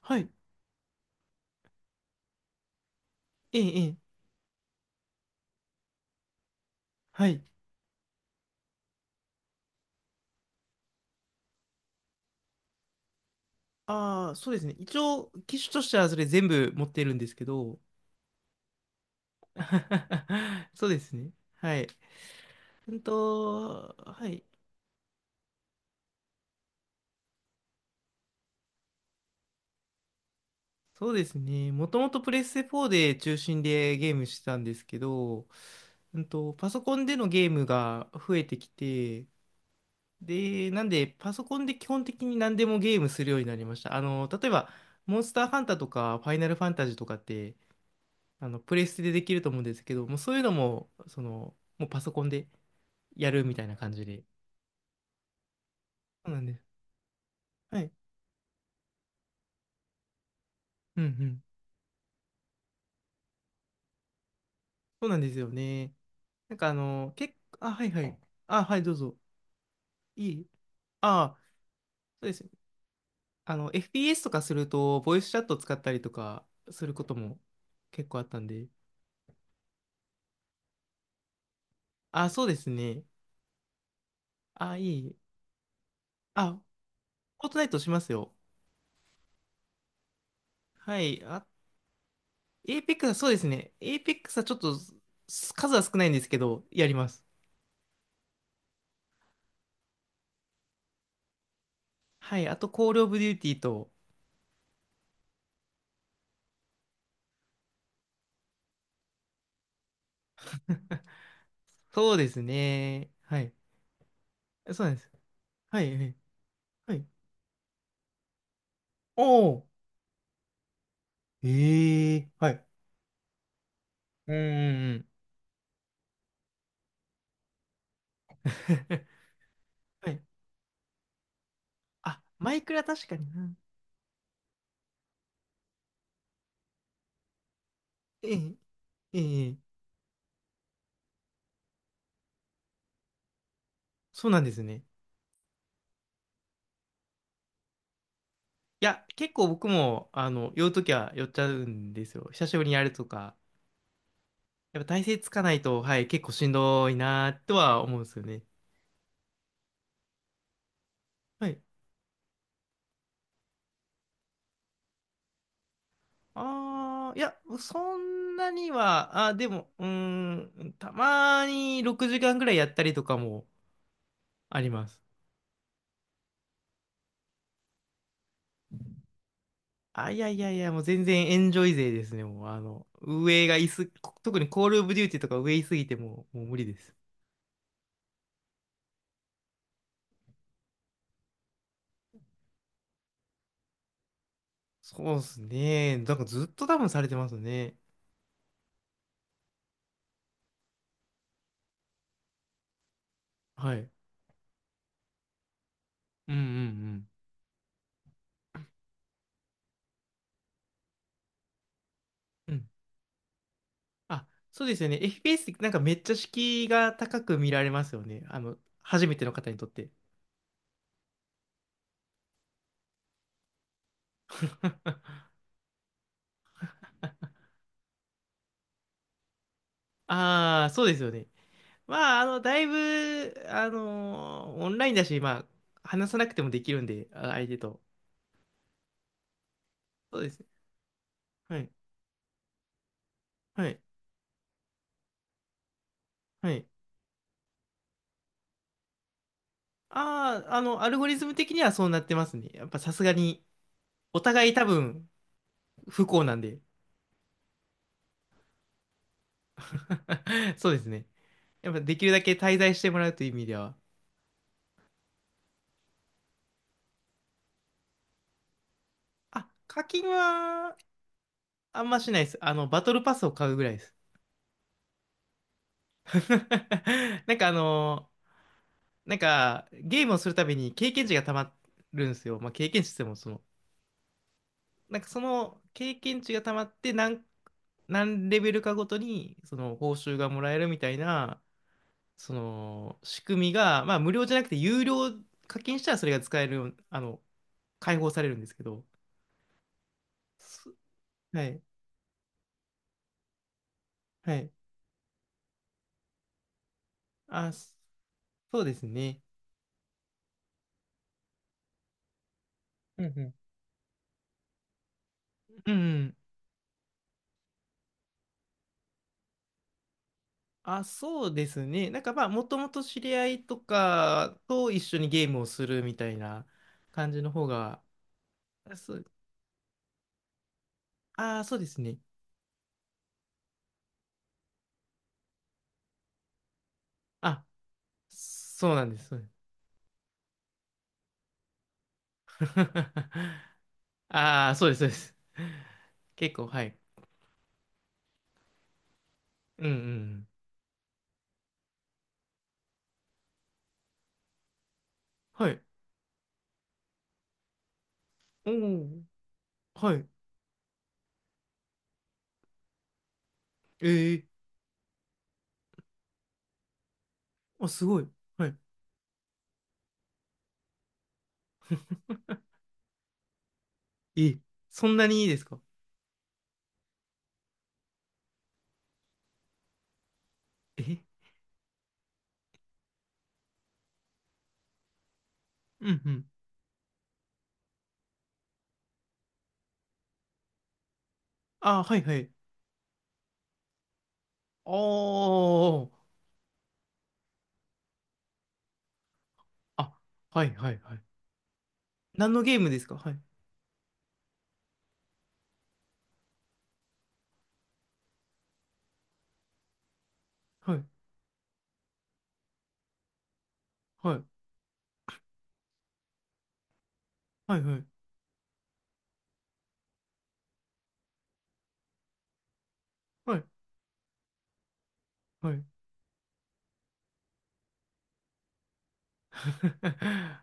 はい。ええ、ええ。はい。ああ、そうですね。一応、機種としてはそれ全部持ってるんですけど。そうですね。はい。はい。そうですね。もともとプレステ4で中心でゲームしてたんですけど、パソコンでのゲームが増えてきて、で、なんで、パソコンで基本的に何でもゲームするようになりました。あの、例えば、モンスターハンターとか、ファイナルファンタジーとかって、あの、プレステでできると思うんですけど、もうそういうのも、その、もうパソコンでやるみたいな感じで。そうなんです。はい。うんうん。そうなんですよね。なんか結構、あ、はいはい。あ、はい、どうぞ。いいあ、そうです。あの、FPS とかすると、ボイスチャット使ったりとかすることも結構あったんで。あ、そうですね。あ、いい。あ、フォートナイトしますよ。はい。あ、エイペックスはそうですね。エイペックスはちょっと、数は少ないんですけど、やります。はい。あと、コールオブデューティーと、そうですね。はい。そうなんです。はい。はい。はい。おお。ええ。はい。うんうんうん。はい。あ、マイクラ確かにな。ええ、ええ、そうなんですね。いや、結構僕も、あの、酔うときは酔っちゃうんですよ。久しぶりにやるとか。やっぱ体勢つかないと、はい、結構しんどいなとは思うんですよね。はい。ああ、いや、そんなには、でも、うーん、たまに6時間ぐらいやったりとかもあります。あ、いやいやいや、もう全然エンジョイ勢ですね、もう、あの、上がいす、特にコールオブデューティとか上いすぎてもう、もう無理です。そうですね。なんかずっと多分されてますね。はい。うんうんうん。うん。あ、そうですよね。FPS ってなんかめっちゃ敷居が高く見られますよね。あの、初めての方にとって。ああ、そうですよね。まあ、だいぶ、オンラインだし、まあ、話さなくてもできるんで、相手と。そうですね。はい。はい。はい。ああ、あの、アルゴリズム的にはそうなってますね。やっぱさすがに、お互い多分、不幸なんで。そうですね。やっぱできるだけ滞在してもらうという意味では。あ、課金は、あんましないです。あの、バトルパスを買うぐらいです。なんかなんか、ゲームをするたびに経験値がたまるんですよ。まあ、経験値って言っても、その、その経験値がたまって何レベルかごとにその報酬がもらえるみたいなその仕組みが、まあ、無料じゃなくて有料課金したらそれが使えるあの解放されるんですけど、そはいはい。そうですね。うんうんうん。あ、そうですね。なんかまあ、もともと知り合いとかと一緒にゲームをするみたいな感じの方が、あ、そう、あ、そうですね。あ、そうなんです。ああ、そうです、そうです。結構、はい。うんうん。はい。おお、はい。ええ。あ、すごい。はい。えそんなにいいですか？えうんうん。ああ、はいはい。おー。あ、はいはいはい。何のゲームですか？はい。はい。はい。はいはい。はい。はい。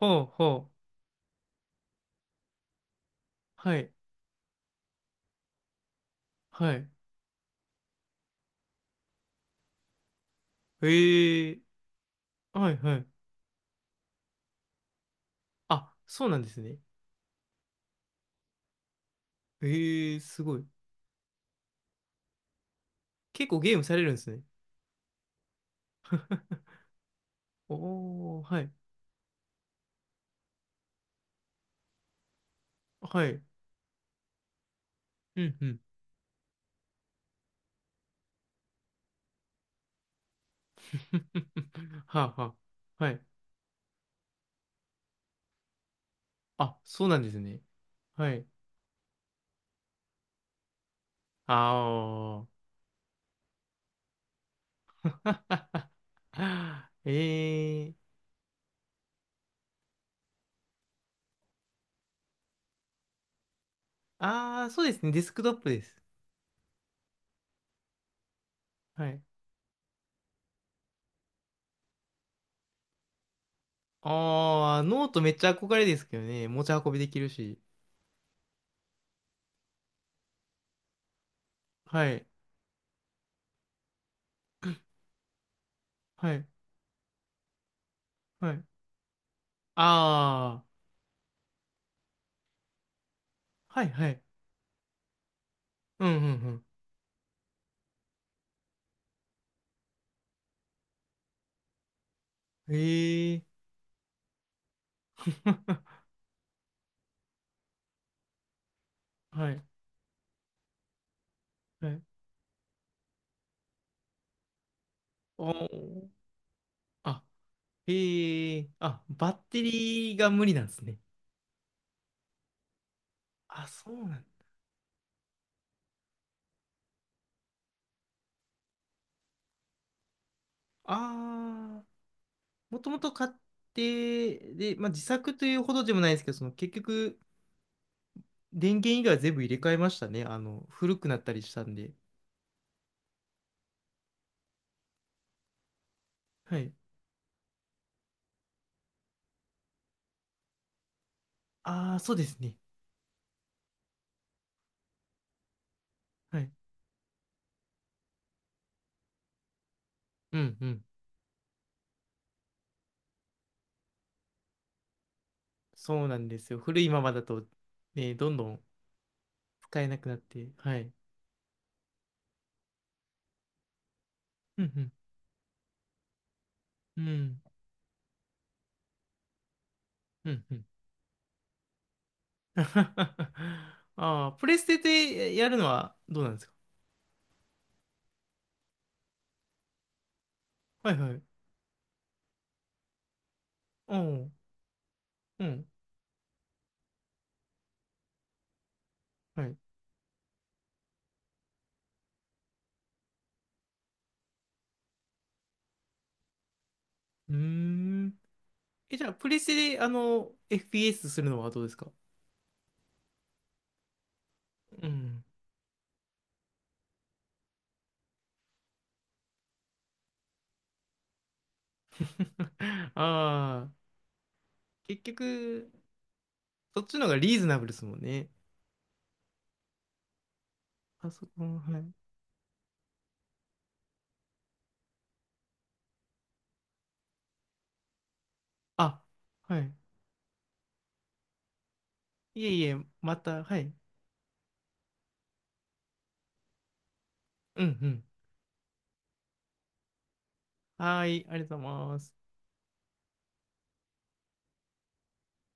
ほうほう。はい。はい。ええ。はいはい。あ、そうなんですね。ええ。すごい。結構ゲームされるんですね。おー、はい。はい。うん、うん。はあ、はあ。はい。あ、そうなんですね。はい。ああ。ええー。ああ、そうですね。デスクトップです。はい。ああ、ノートめっちゃ憧れですけどね。持ち運びできるし。はい。はい。はい。ああ。はい、はい。うん、うん、うん。ええー。はい。はい。おー。あ、ええー。あ、バッテリーが無理なんですね。あ、そうなんああ、もともと買って、で、まあ、自作というほどでもないですけど、その結局、電源以外は全部入れ替えましたね。あの、古くなったりしたんで。はい。ああ、そうですね。はい。うんうん。そうなんですよ。古いままだと、ね、どんどん使えなくなって。はい。うんうん。うん。うんうん。ああ、プレステでやるのはどうなんですか？はいはい。おう。うん。はい。うーん。え、じゃあ、プレステで、あの、FPS するのはどうですか？うん。ああ、結局、そっちの方がリーズナブルですもんね。パソコン、はい。あ、はい。いえいえ、また、はい。うんうん。はーい、ありがとうございます。